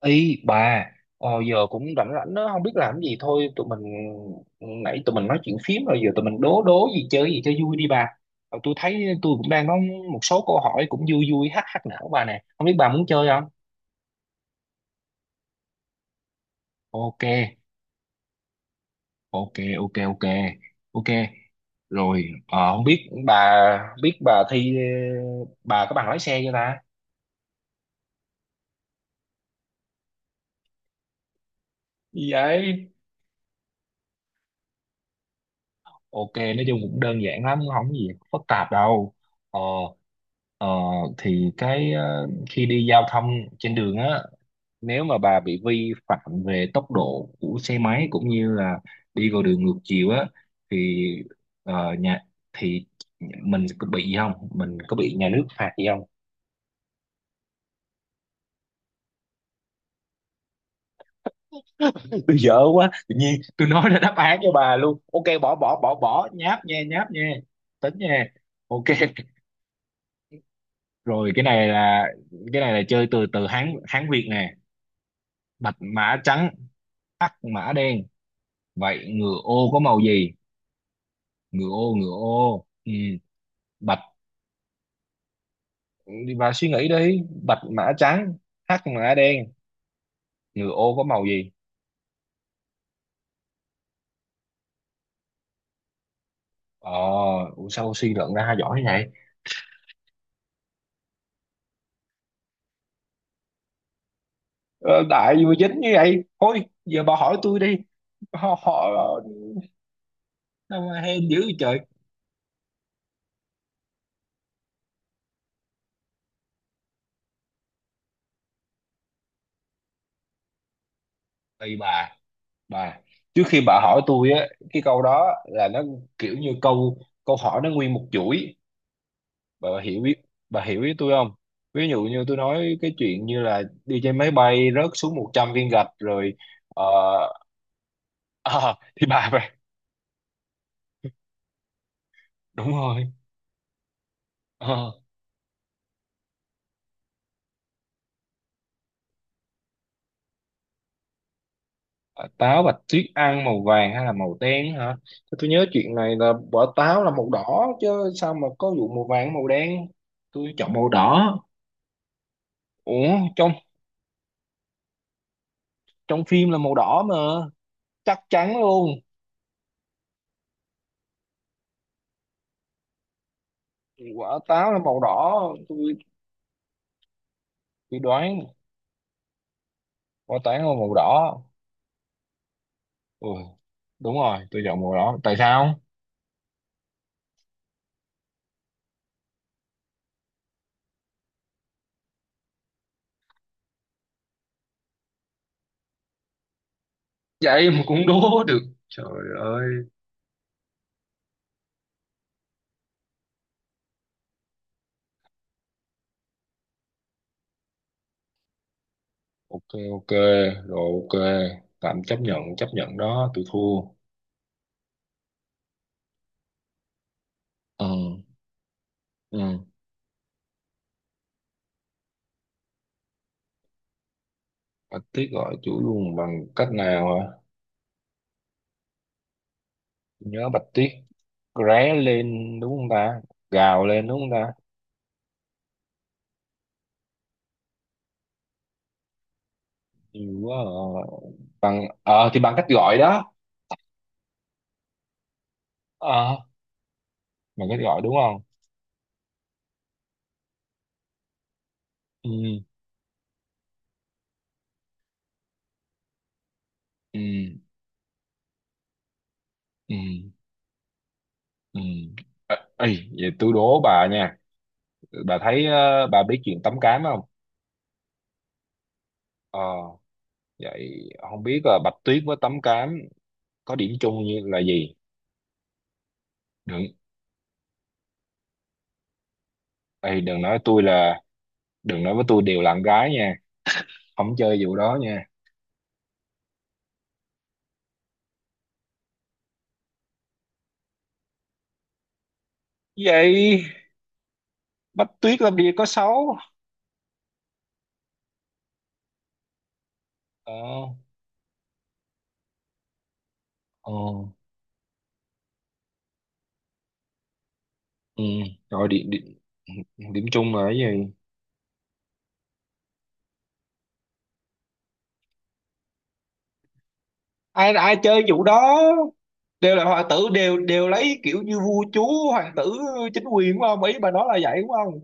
Ý bà. Giờ cũng rảnh rảnh đó, không biết làm cái gì. Thôi tụi mình nãy tụi mình nói chuyện phím rồi, giờ tụi mình đố đố gì chơi gì cho vui đi bà. Ờ, tôi thấy tôi cũng đang có một số câu hỏi cũng vui vui hắc hắc não bà nè, không biết bà muốn chơi không. Ok, ok, ok, ok, ok, rồi. Ờ, Không biết bà thi bà có bằng lái xe chưa ta. Gì vậy? Ok, nói chung cũng đơn giản lắm, không có gì phức tạp đâu. ờ Ờ, thì khi đi giao thông trên đường á, nếu mà bà bị vi phạm về tốc độ của xe máy cũng như là đi vào đường ngược chiều á thì ờ, nhà thì mình có bị gì không, mình có bị nhà nước phạt gì không? Tôi dở quá, tự nhiên tôi nói ra đáp án cho bà luôn. Ok, bỏ bỏ bỏ bỏ nháp nha, nháp nha, tính nha. Ok. Rồi, cái này là chơi từ từ Hán Hán Việt nè. Bạch mã trắng, hắc mã đen, vậy ngựa ô có màu gì? Ngựa ô, ngựa ô. Ừ, bạch, đi vào suy nghĩ đi. Bạch mã trắng, hắc mã đen. Ngựa ô có màu gì? Ờ, ủa sao suy luận ra giỏi thế này? Ờ, đại vừa dính như vậy. Thôi, giờ bà hỏi tôi đi. Họ, họ, sao mà hên dữ vậy trời. Tùy bà, bà. Trước khi bà hỏi tôi á, cái câu đó là nó kiểu như câu câu hỏi nó nguyên một chuỗi. Bà hiểu biết bà hiểu ý tôi không? Ví dụ như tôi nói cái chuyện như là đi trên máy bay rớt xuống 100 viên gạch rồi. ờ, ờ, thì bà đúng rồi. Ờ, táo bạch tuyết ăn màu vàng hay là màu đen hả? Thế tôi nhớ chuyện này là quả táo là màu đỏ chứ, sao mà có vụ màu vàng màu đen? Tôi chọn màu đỏ. Ủa, trong trong phim là màu đỏ mà, chắc chắn luôn. Quả táo là màu đỏ. Tôi tôi đoán quả táo là màu đỏ. Ừ, đúng rồi, tôi chọn màu đỏ. Tại sao? Vậy mà cũng đố được, trời ơi. Ok, ok, rồi ok. Tạm chấp nhận đó, tôi thua. Ừ, ừ. Bạch Tuyết gọi chủ luôn bằng cách nào hả? Tôi nhớ Bạch Tuyết ré lên đúng không ta? Gào lên đúng không ta? Nhiều quá à. Bằng, ờ thì bằng cách gọi đó. Ờ, bằng cách gọi đúng không? Ừ, ừ, ừ, ừ. Ờ, ê, vậy tôi đố bà nha. Bà thấy bà biết chuyện tắm cám không? Ờ, vậy không biết là Bạch Tuyết với tắm cám có điểm chung như là gì? Đừng, ê, đừng nói tôi là, đừng nói với tôi đều là con gái nha, không chơi vụ đó nha. Vậy Bạch Tuyết làm gì có xấu. Ờ, ờ, ừ, rồi điểm điểm, điểm chung là cái gì? Ai ai chơi vụ đó đều là hoàng tử, đều đều lấy kiểu như vua chúa, hoàng tử, chính quyền đúng không, ý bà nói là vậy đúng không?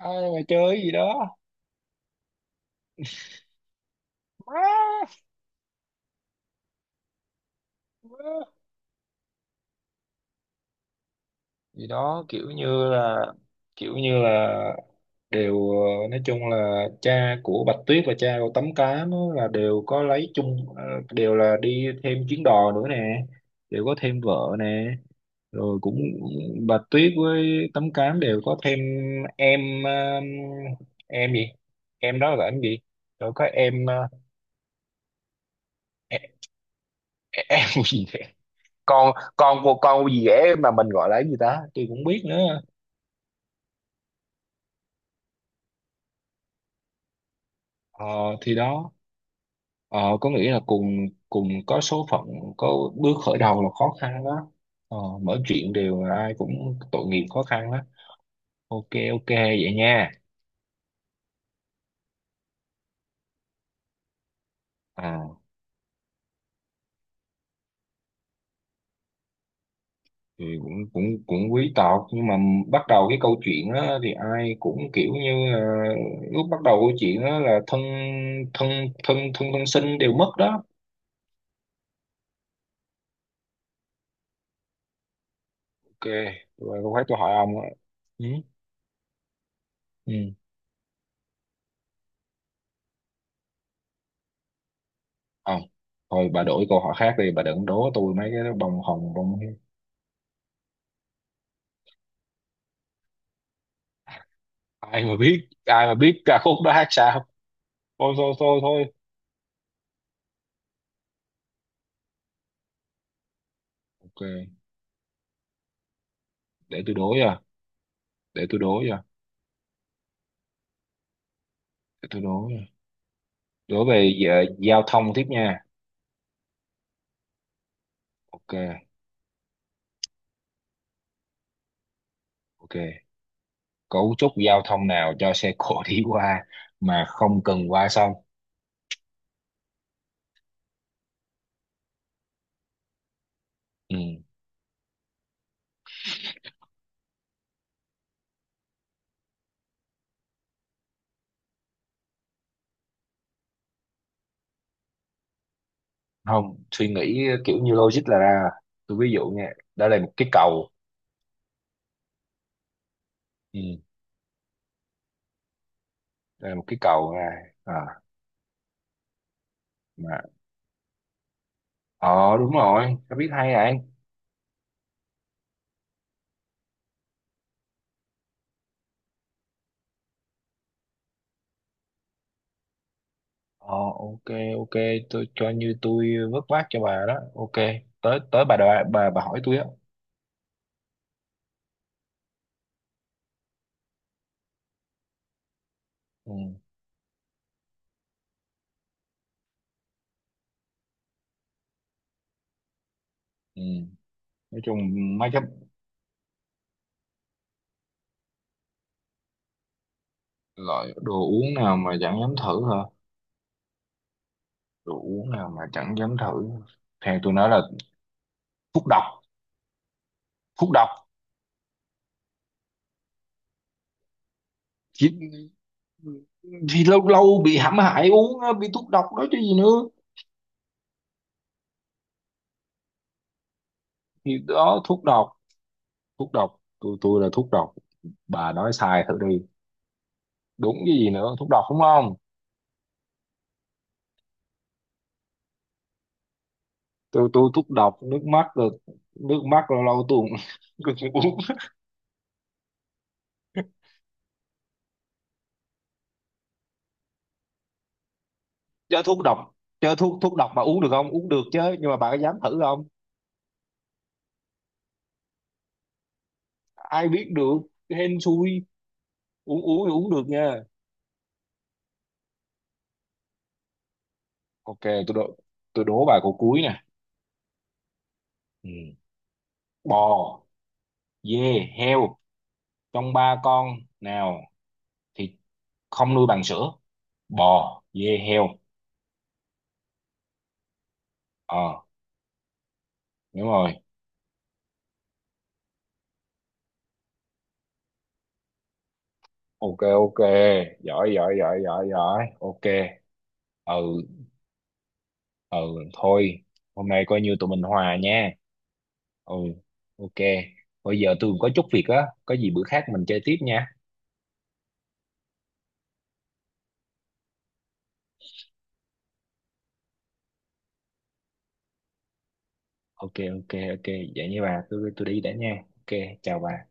Ai mà chơi cái gì đó. Má, gì đó kiểu như là, kiểu như là đều nói chung là cha của Bạch Tuyết và cha của Tấm Cám á, là đều có lấy chung đều là đi thêm chuyến đò nữa nè, đều có thêm vợ nè. Rồi cũng Bạch Tuyết với Tấm Cám đều có thêm em, ờ, em gì em đó là em gì rồi có em ờ, em, em gì vậy? Con gì dễ mà mình gọi là cái gì ta, tôi cũng không biết nữa. Ờ, thì đó. Ờ, có nghĩa là cùng cùng có số phận, có bước khởi đầu là khó khăn đó. Ờ, mọi chuyện đều là ai cũng tội nghiệp khó khăn đó. Ok, ok, vậy nha. À, thì cũng cũng cũng quý tộc nhưng mà bắt đầu cái câu chuyện đó thì ai cũng kiểu như là lúc bắt đầu câu chuyện đó là thân thân thân thân thân sinh đều mất đó. Ok, rồi câu khác tôi hỏi ông á. Ừ, ừ. Ờ, thôi bà đổi câu hỏi khác đi, bà đừng đố tôi mấy cái đó bông hồng bông. Ai mà biết, ai mà biết ca khúc đó hát sao. Thôi thôi thôi thôi. Ok, để tôi đố nha, để tôi đố nha để tôi đố nha đố về giao thông tiếp nha. Ok, ok, cấu trúc giao thông nào cho xe cộ đi qua mà không cần qua sông? Ừ. Không, suy nghĩ kiểu như logic là ra. Tôi ví dụ nha, đó là một cái cầu. Ừ. Đây là một cái cầu ra. À, mà ờ đúng rồi, tao biết hay à. Ờ, ok, ok, tôi cho như tôi vớt vát cho bà đó, ok. Tới tới bà đòi bà hỏi tôi á. Ừ, ừ. Nói chung mấy cái loại đồ uống nào mà chẳng dám thử hả? Đồ uống nào mà chẳng dám thử, theo tôi nói là thuốc độc, thuốc độc. thì, thì lâu lâu bị hãm hại uống á, bị thuốc độc đó chứ gì nữa. Thì đó thuốc độc, thuốc độc. Tôi là thuốc độc, bà nói sai thử đi. Đúng cái gì nữa, thuốc độc đúng không? Tôi thuốc độc nước mắt rồi. Nước mắt lâu lâu tôi cũng cũng uống. Chứ thuốc độc, chứ thuốc thuốc độc mà uống được không uống được chứ, nhưng mà bà có dám thử không? Ai biết được, hên xui, uống uống thì uống được nha. Ok, tôi đố, tôi đố bà câu cuối nè. Ừ. Bò, dê, heo, trong ba con nào thì không nuôi bằng sữa? Bò, dê, heo. Ờ đúng rồi, ok, ok, giỏi giỏi giỏi giỏi giỏi ok. Ừ, ừ, thôi hôm nay coi như tụi mình hòa nha. Ừ, ok, bây giờ tôi có chút việc á, có gì bữa khác mình chơi tiếp nha. Ok, ok, ok, vậy như bà, tôi đi đã nha, ok chào bà.